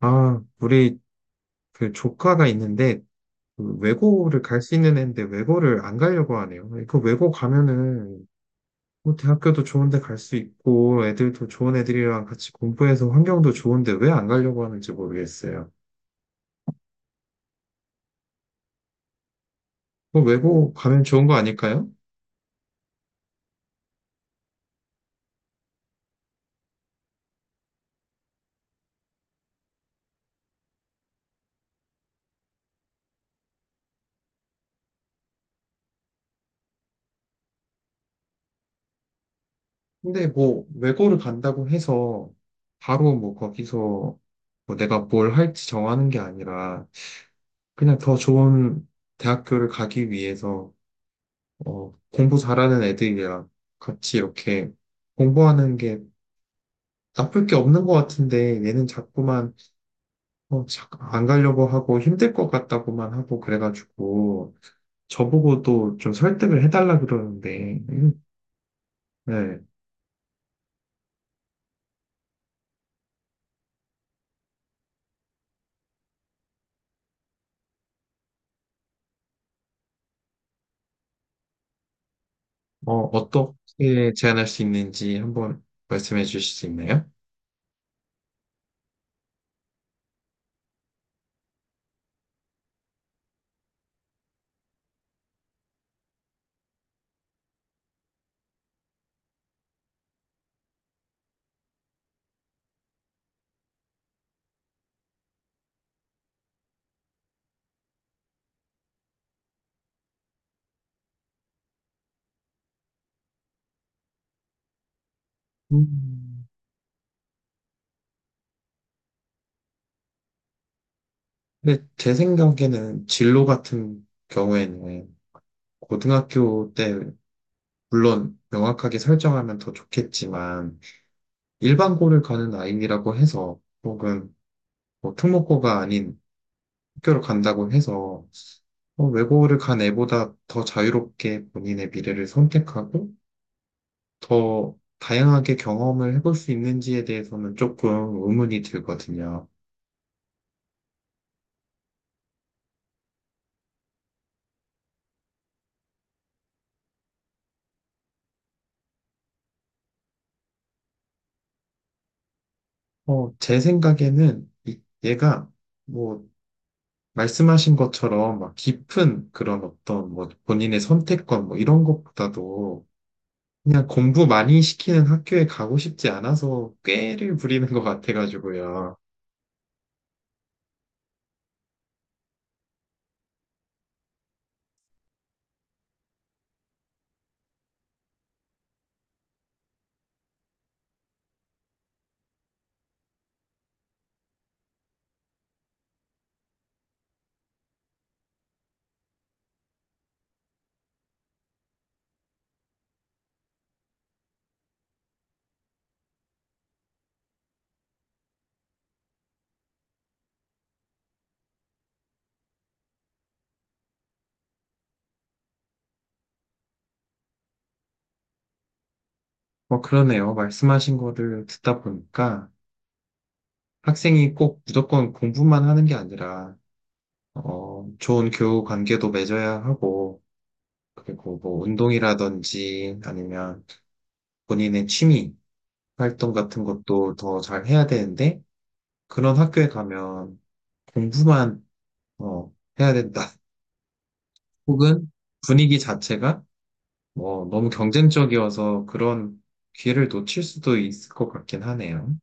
아, 우리 그 조카가 있는데 그 외고를 갈 수 있는 애인데 외고를 안 가려고 하네요. 그 외고 가면은 뭐 대학교도 좋은데 갈 수 있고 애들도 좋은 애들이랑 같이 공부해서 환경도 좋은데 왜 안 가려고 하는지 모르겠어요. 뭐 외고 가면 좋은 거 아닐까요? 근데 뭐 외고를 간다고 해서 바로 뭐 거기서 뭐 내가 뭘 할지 정하는 게 아니라 그냥 더 좋은 대학교를 가기 위해서 공부 잘하는 애들이랑 같이 이렇게 공부하는 게 나쁠 게 없는 것 같은데 얘는 자꾸만 안 가려고 하고 힘들 것 같다고만 하고 그래가지고 저보고도 좀 설득을 해달라 그러는데 네. 어떻게 제안할 수 있는지 한번 말씀해 주실 수 있나요? 음, 근데 제 생각에는 진로 같은 경우에는 고등학교 때 물론 명확하게 설정하면 더 좋겠지만 일반고를 가는 아이라고 해서 혹은 뭐 특목고가 아닌 학교를 간다고 해서 외고를 간 애보다 더 자유롭게 본인의 미래를 선택하고 더 다양하게 경험을 해볼 수 있는지에 대해서는 조금 의문이 들거든요. 제 생각에는 얘가 뭐 말씀하신 것처럼 막 깊은 그런 어떤 뭐 본인의 선택권 뭐 이런 것보다도 그냥 공부 많이 시키는 학교에 가고 싶지 않아서 꾀를 부리는 것 같아가지고요. 그러네요. 말씀하신 거를 듣다 보니까 학생이 꼭 무조건 공부만 하는 게 아니라, 좋은 교우 관계도 맺어야 하고, 그리고 뭐 운동이라든지 아니면 본인의 취미 활동 같은 것도 더 잘 해야 되는데, 그런 학교에 가면 공부만, 어, 해야 된다. 혹은 분위기 자체가 뭐, 너무 경쟁적이어서 그런 기회를 놓칠 수도 있을 것 같긴 하네요.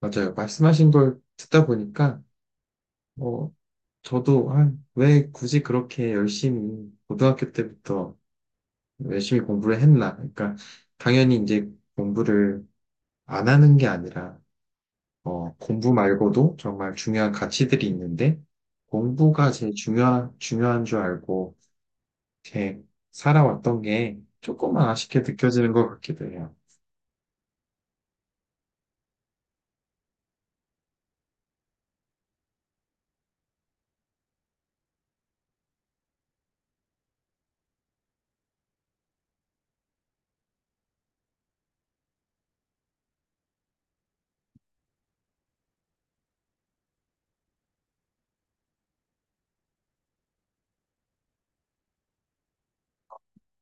맞아요. 말씀하신 걸 듣다 보니까, 뭐, 저도 아, 왜 굳이 그렇게 열심히, 고등학교 때부터 열심히 공부를 했나. 그러니까, 당연히 이제 공부를 안 하는 게 아니라, 공부 말고도 정말 중요한 가치들이 있는데, 공부가 제일 중요한 줄 알고, 이렇게 살아왔던 게 조금만 아쉽게 느껴지는 것 같기도 해요.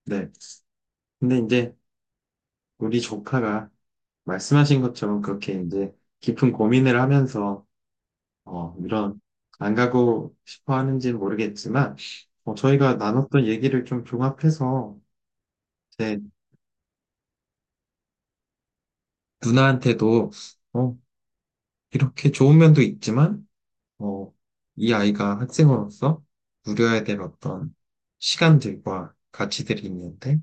네. 근데 이제 우리 조카가 말씀하신 것처럼 그렇게 이제 깊은 고민을 하면서 이런 안 가고 싶어 하는지는 모르겠지만 저희가 나눴던 얘기를 좀 종합해서 제 누나한테도 어, 이렇게 좋은 면도 있지만 어, 이 아이가 학생으로서 누려야 될 어떤 시간들과 가치들이 있는데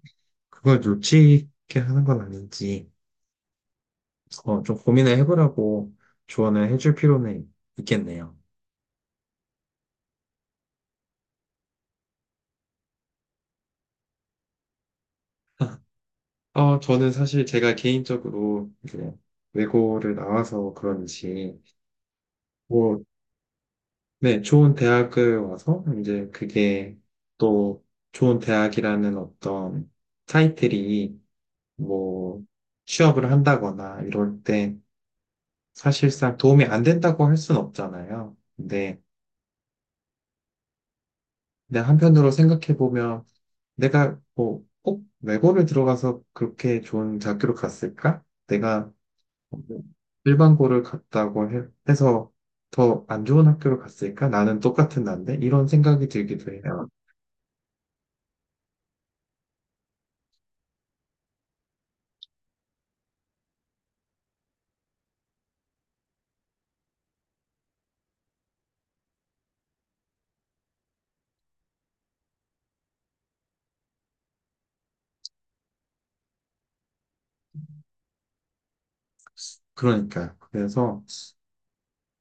그걸 놓치게 하는 건 아닌지 좀 고민을 해보라고 조언을 해줄 필요는 있겠네요. 아, 저는 사실 제가 개인적으로 이제 외고를 나와서 그런지, 뭐, 네, 좋은 대학을 와서 이제 그게 또 좋은 대학이라는 어떤 타이틀이 뭐 취업을 한다거나 이럴 때 사실상 도움이 안 된다고 할 순 없잖아요. 근데 한편으로 생각해 보면 내가 뭐 꼭 외고를 들어가서 그렇게 좋은 대학교로 갔을까? 내가 일반고를 갔다고 해서 더 안 좋은 학교를 갔을까? 나는 똑같은 난데? 이런 생각이 들기도 해요. 그러니까요. 그래서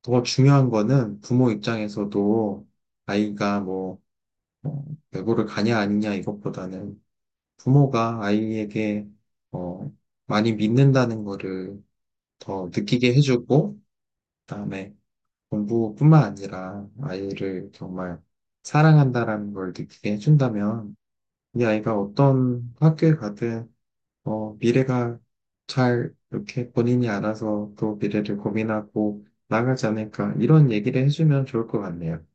더 중요한 거는 부모 입장에서도 아이가 뭐, 어, 외고를 가냐 아니냐 이것보다는 부모가 아이에게 어, 많이 믿는다는 거를 더 느끼게 해주고 그다음에 공부뿐만 아니라 아이를 정말 사랑한다라는 걸 느끼게 해준다면 이 아이가 어떤 학교에 가든 미래가 잘 이렇게 본인이 알아서 또 미래를 고민하고 나가지 않을까 이런 얘기를 해주면 좋을 것 같네요.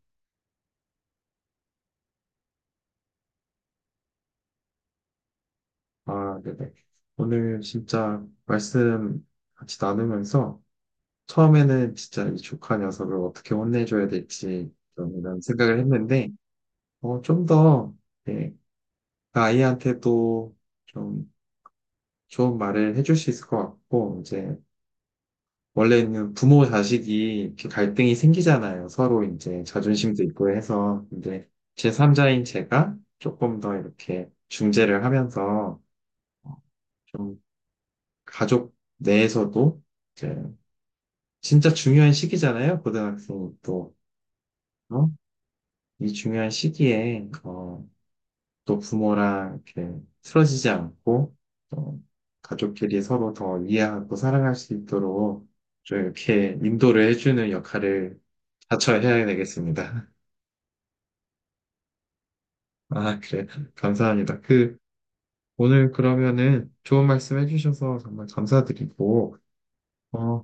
아, 네네. 오늘 진짜 말씀 같이 나누면서 처음에는 진짜 이 조카 녀석을 어떻게 혼내줘야 될지 좀 이런 생각을 했는데 좀 더, 예, 그 아이한테도 좀 좋은 말을 해줄 수 있을 것 같고 이제 원래는 부모 자식이 이렇게 갈등이 생기잖아요. 서로 이제 자존심도 있고 해서. 근데 제3자인 제가 조금 더 이렇게 중재를 하면서 어, 좀 가족 내에서도 이제 진짜 중요한 시기잖아요. 고등학생이 또. 어? 이 중요한 시기에 또 부모랑 이렇게 틀어지지 않고 또 가족끼리 서로 더 이해하고 사랑할 수 있도록 좀 이렇게 인도를 해주는 역할을 자처해야 되겠습니다. 아, 그래. 감사합니다. 그, 오늘 그러면은 좋은 말씀 해주셔서 정말 감사드리고, 어,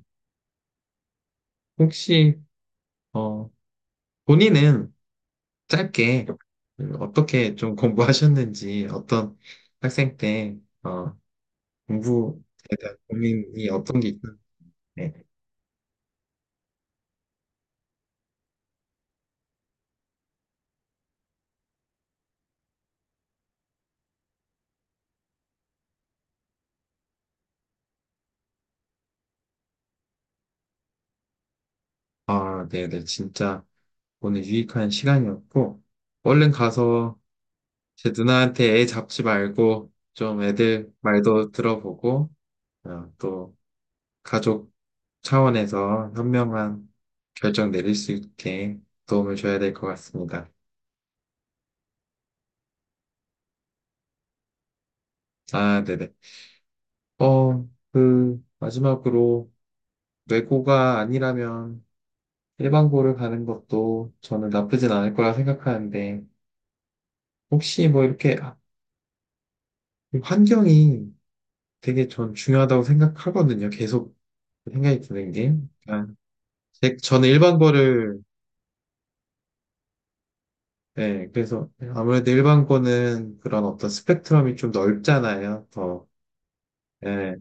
혹시, 어, 본인은 짧게 그 어떻게 좀 공부하셨는지, 어떤 학생 때, 어, 공부에 대한 고민이 어떤 게 있나요? 아, 네네. 진짜 오늘 유익한 시간이었고, 얼른 가서 제 누나한테 애 잡지 말고, 좀 애들 말도 들어보고, 또 가족 차원에서 현명한 결정 내릴 수 있게 도움을 줘야 될 것 같습니다. 아, 네네. 어, 그, 마지막으로 외고가 아니라면 일반고를 가는 것도 저는 나쁘진 않을 거라 생각하는데, 혹시 뭐 이렇게 아, 환경이 되게 전 중요하다고 생각하거든요. 계속 생각이 드는 게. 그냥 저는 일반고를, 네, 그래서 아무래도 일반고는 그런 어떤 스펙트럼이 좀 넓잖아요. 더. 예,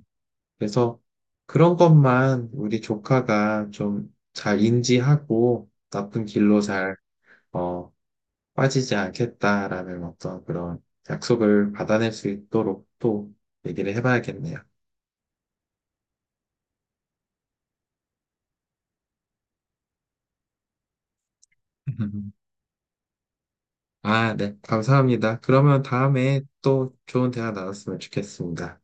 그래서 그런 것만 우리 조카가 좀 잘 인지하고 나쁜 길로 잘, 어, 빠지지 않겠다라는 어떤 그런 약속을 받아낼 수 있도록 또 얘기를 해봐야겠네요. 아, 네. 감사합니다. 그러면 다음에 또 좋은 대화 나눴으면 좋겠습니다.